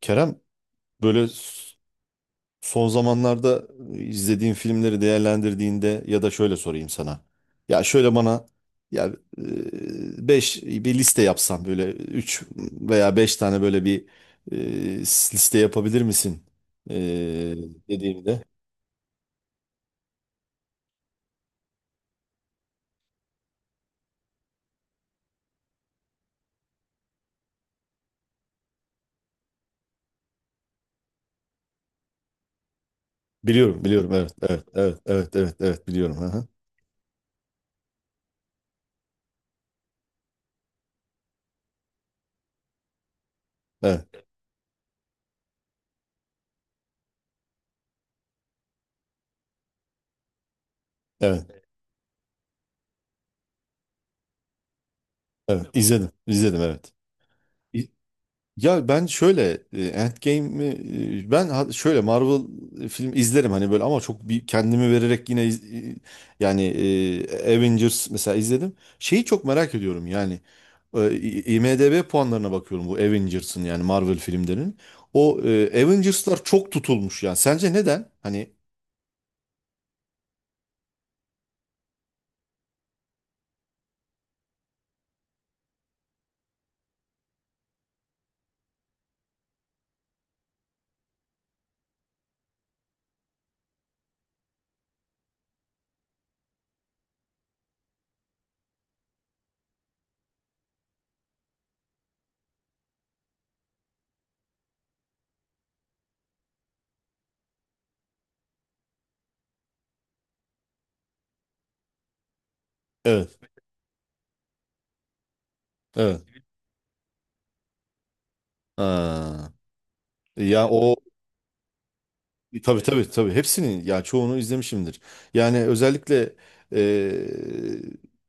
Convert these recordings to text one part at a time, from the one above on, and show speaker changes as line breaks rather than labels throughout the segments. Kerem, böyle son zamanlarda izlediğin filmleri değerlendirdiğinde ya da şöyle sorayım sana. Ya şöyle bana, ya bir liste yapsan böyle 3 veya 5 tane böyle bir liste yapabilir misin? E, dediğimde. Biliyorum, biliyorum. Evet, evet, evet, evet, evet, evet biliyorum. Hı hı. Evet, evet, evet. İzledim, izledim, evet. Ya ben şöyle Endgame'i, şöyle Marvel film izlerim hani böyle ama çok bir kendimi vererek yine Avengers mesela izledim. Şeyi çok merak ediyorum yani, IMDb puanlarına bakıyorum bu Avengers'ın, yani Marvel filmlerinin. O Avengers'lar çok tutulmuş yani. Sence neden? Hani evet. Evet. Ha. Ya o. Tabii, tabii, tabii, hepsinin ya çoğunu izlemişimdir. Yani özellikle eee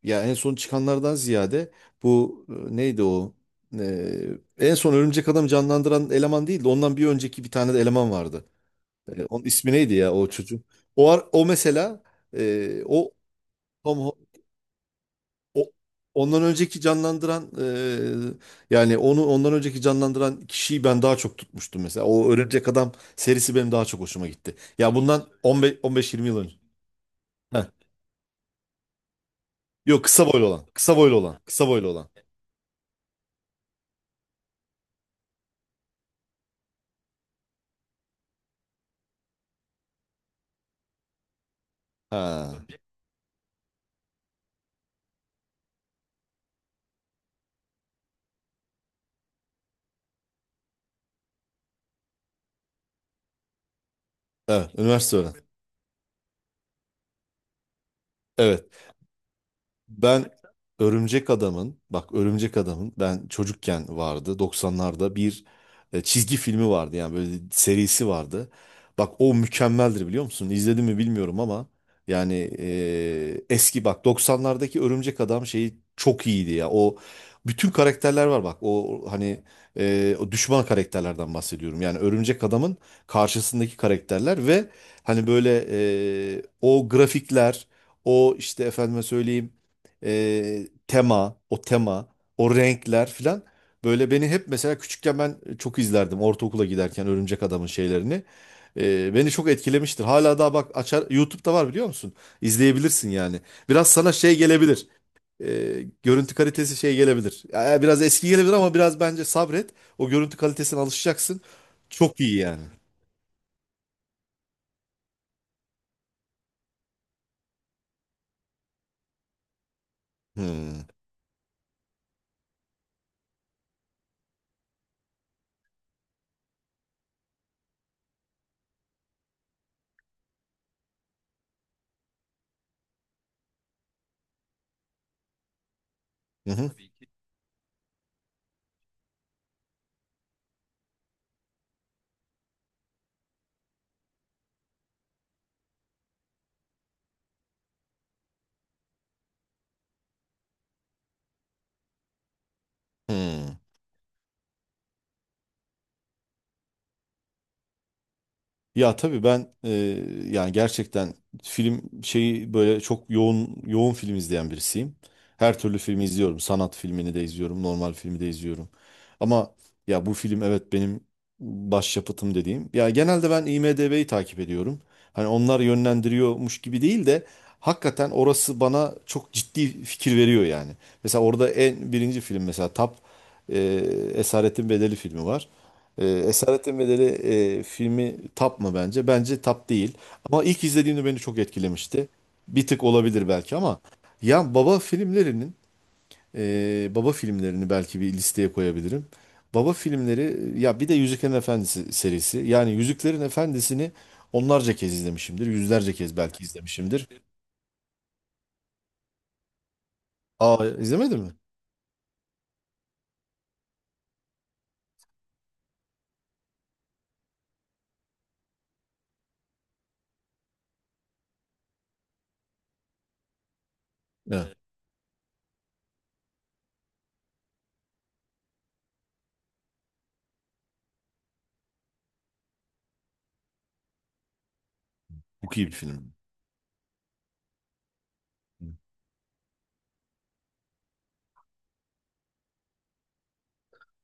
ya en son çıkanlardan ziyade bu neydi o? En son Örümcek Adam'ı canlandıran eleman değildi. Ondan bir önceki bir tane de eleman vardı. Onun ismi neydi ya, o çocuğun? O mesela o Tom, o, ondan önceki canlandıran, yani onu ondan önceki canlandıran kişiyi ben daha çok tutmuştum mesela. O Örümcek Adam serisi benim daha çok hoşuma gitti. Ya bundan 15 15-20 yıl önce. Heh. Yok, kısa boylu olan. Kısa boylu olan. Kısa boylu olan. Ha. Evet, üniversite öğren. Evet. Ben Örümcek Adam'ın, bak, Örümcek Adam'ın ben çocukken vardı 90'larda bir çizgi filmi vardı, yani böyle serisi vardı. Bak, o mükemmeldir, biliyor musun? İzledim mi bilmiyorum ama yani eski, bak, 90'lardaki Örümcek Adam şeyi çok iyiydi ya. O bütün karakterler var, bak. O hani o düşman karakterlerden bahsediyorum. Yani Örümcek Adam'ın karşısındaki karakterler ve hani böyle o grafikler, o işte efendime söyleyeyim tema, o tema, o renkler filan, böyle beni hep mesela, küçükken ben çok izlerdim ortaokula giderken Örümcek Adam'ın şeylerini. Beni çok etkilemiştir. Hala daha bak, açar, YouTube'da var, biliyor musun? İzleyebilirsin yani. Biraz sana şey gelebilir. E, görüntü kalitesi şey gelebilir. Ya, biraz eski gelebilir ama biraz bence sabret. O görüntü kalitesine alışacaksın. Çok iyi yani. Hmm. Hı hı. Hmm. Ya tabii ben, yani gerçekten, film şeyi böyle çok yoğun yoğun film izleyen birisiyim. Her türlü filmi izliyorum. Sanat filmini de izliyorum, normal filmi de izliyorum. Ama ya bu film, evet, benim başyapıtım dediğim. Ya genelde ben IMDb'yi takip ediyorum. Hani onlar yönlendiriyormuş gibi değil de hakikaten orası bana çok ciddi fikir veriyor yani. Mesela orada en birinci film mesela, e, Esaretin Bedeli filmi var. Esaretin Bedeli filmi top mı bence? Bence top değil. Ama ilk izlediğimde beni çok etkilemişti. Bir tık olabilir belki ama ya baba filmlerinin, baba filmlerini belki bir listeye koyabilirim. Baba filmleri, ya bir de Yüzüklerin Efendisi serisi. Yani Yüzüklerin Efendisi'ni onlarca kez izlemişimdir. Yüzlerce kez belki izlemişimdir. Aa, izlemedin mi? Evet. Çok iyi bir film.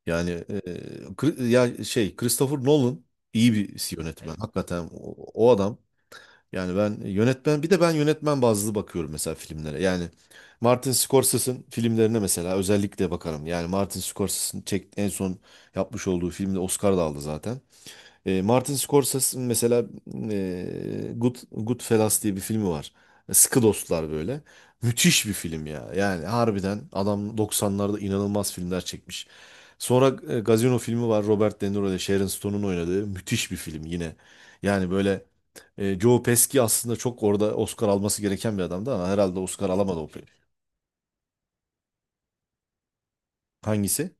Yani ya şey Christopher Nolan iyi bir yönetmen. Hakikaten o, adam. Yani ben yönetmen, bir de ben yönetmen bazlı bakıyorum mesela filmlere. Yani Martin Scorsese'in filmlerine mesela özellikle bakarım. Yani Martin Scorsese'in en son yapmış olduğu filmde Oscar da aldı zaten. Martin Scorsese'in mesela Goodfellas diye bir filmi var. Sıkı Dostlar, böyle. Müthiş bir film ya. Yani harbiden adam 90'larda inanılmaz filmler çekmiş. Sonra Gazino filmi var, Robert De Niro ile Sharon Stone'un oynadığı müthiş bir film yine. Yani böyle Joe Pesci aslında çok orada Oscar alması gereken bir adamdı ama herhalde Oscar alamadı o film. Hangisi?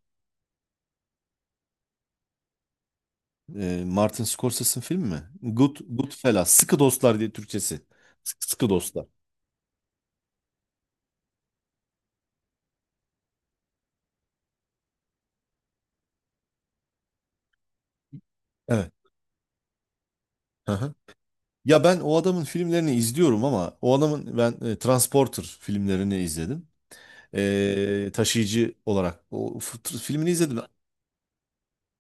Martin Scorsese'in filmi mi? Goodfellas, Sıkı Dostlar diye Türkçesi. Sıkı Dostlar. Evet. Hı hı. Ya ben o adamın filmlerini izliyorum ama o adamın ben Transporter filmlerini izledim. Taşıyıcı olarak o filmini izledim.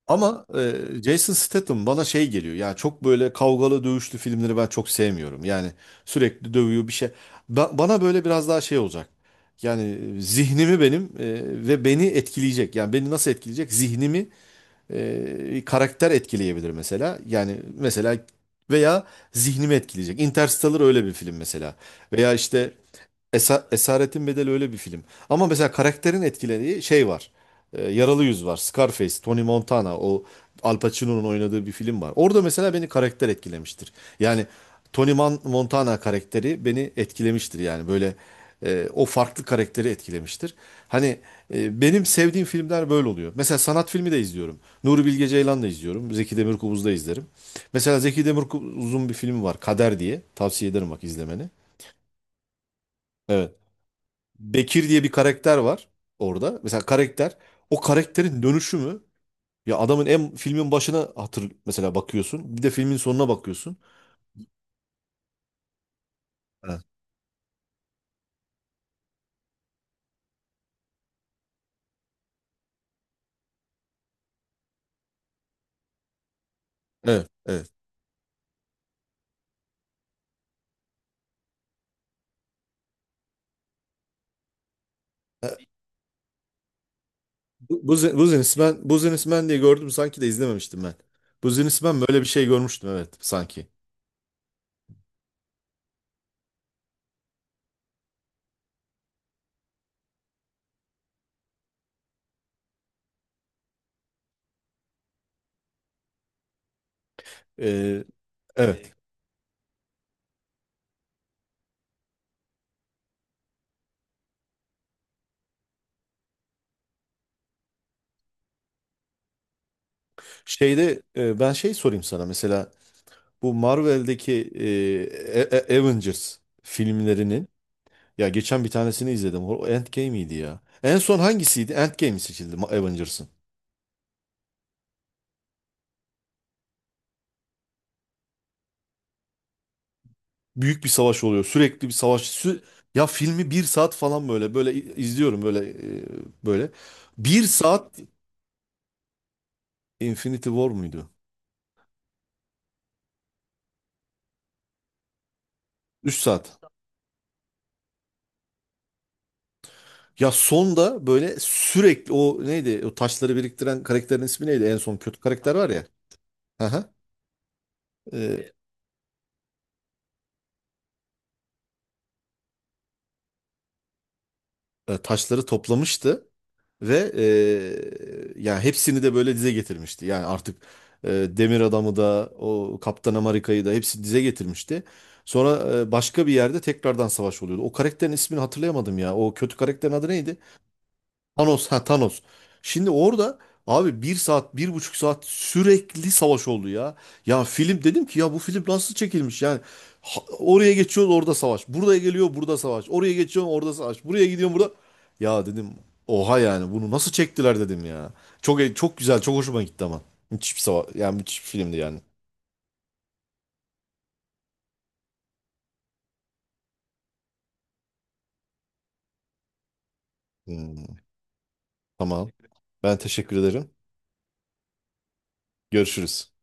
Ama Jason Statham bana şey geliyor. Yani çok böyle kavgalı dövüşlü filmleri ben çok sevmiyorum. Yani sürekli dövüyor bir şey. Bana böyle biraz daha şey olacak. Yani zihnimi benim, ve beni etkileyecek. Yani beni nasıl etkileyecek? Zihnimi, karakter etkileyebilir mesela. Yani mesela, veya zihnimi etkileyecek. Interstellar öyle bir film mesela. Veya işte Esaretin Bedeli öyle bir film. Ama mesela karakterin etkilediği şey var. Yaralı Yüz var. Scarface, Tony Montana, o Al Pacino'nun oynadığı bir film var. Orada mesela beni karakter etkilemiştir. Yani Montana karakteri beni etkilemiştir, yani böyle o farklı karakteri etkilemiştir. Hani benim sevdiğim filmler böyle oluyor. Mesela sanat filmi de izliyorum. Nuri Bilge Ceylan da izliyorum. Zeki Demirkubuz da izlerim. Mesela Zeki Demirkubuz'un bir filmi var, Kader diye. Tavsiye ederim, bak, izlemeni. Evet. Bekir diye bir karakter var orada. Mesela karakter, o karakterin dönüşümü, ya adamın filmin başına mesela bakıyorsun. Bir de filmin sonuna bakıyorsun. Evet. Evet, evet. Bu Businessman diye gördüm sanki de izlememiştim ben. Businessman, böyle bir şey görmüştüm evet sanki. Ee, evet. Şeyde, ben şey sorayım sana, mesela bu Marvel'deki Avengers filmlerinin. Ya, geçen bir tanesini izledim. O Endgame'iydi ya. En son hangisiydi? Endgame seçildi, Avengers'ın. Büyük bir savaş oluyor. Sürekli bir savaş. Ya filmi bir saat falan böyle böyle izliyorum, böyle böyle. Bir saat. Infinity War muydu? 3 saat. Ya sonda böyle sürekli o neydi? O taşları biriktiren karakterin ismi neydi? En son kötü karakter var ya. Hı hı. E, taşları toplamıştı. Ve ya hepsini de böyle dize getirmişti. Yani artık Demir Adam'ı da, o Kaptan Amerika'yı da hepsini dize getirmişti. Sonra başka bir yerde tekrardan savaş oluyordu. O karakterin ismini hatırlayamadım ya. O kötü karakterin adı neydi? Thanos, ha, Thanos. Şimdi orada abi bir saat, 1,5 saat sürekli savaş oldu ya. Ya film, dedim ki ya bu film nasıl çekilmiş yani. Oraya geçiyorsun, orada savaş. Buraya geliyor, burada savaş. Oraya geçiyorsun, orada savaş. Buraya gidiyorsun, burada. Ya dedim, oha yani, bunu nasıl çektiler dedim ya. Çok güzel, çok hoşuma gitti ama. Müthiş bir savaş, yani müthiş bir filmdi yani. Hmm, tamam. Ben teşekkür ederim. Görüşürüz.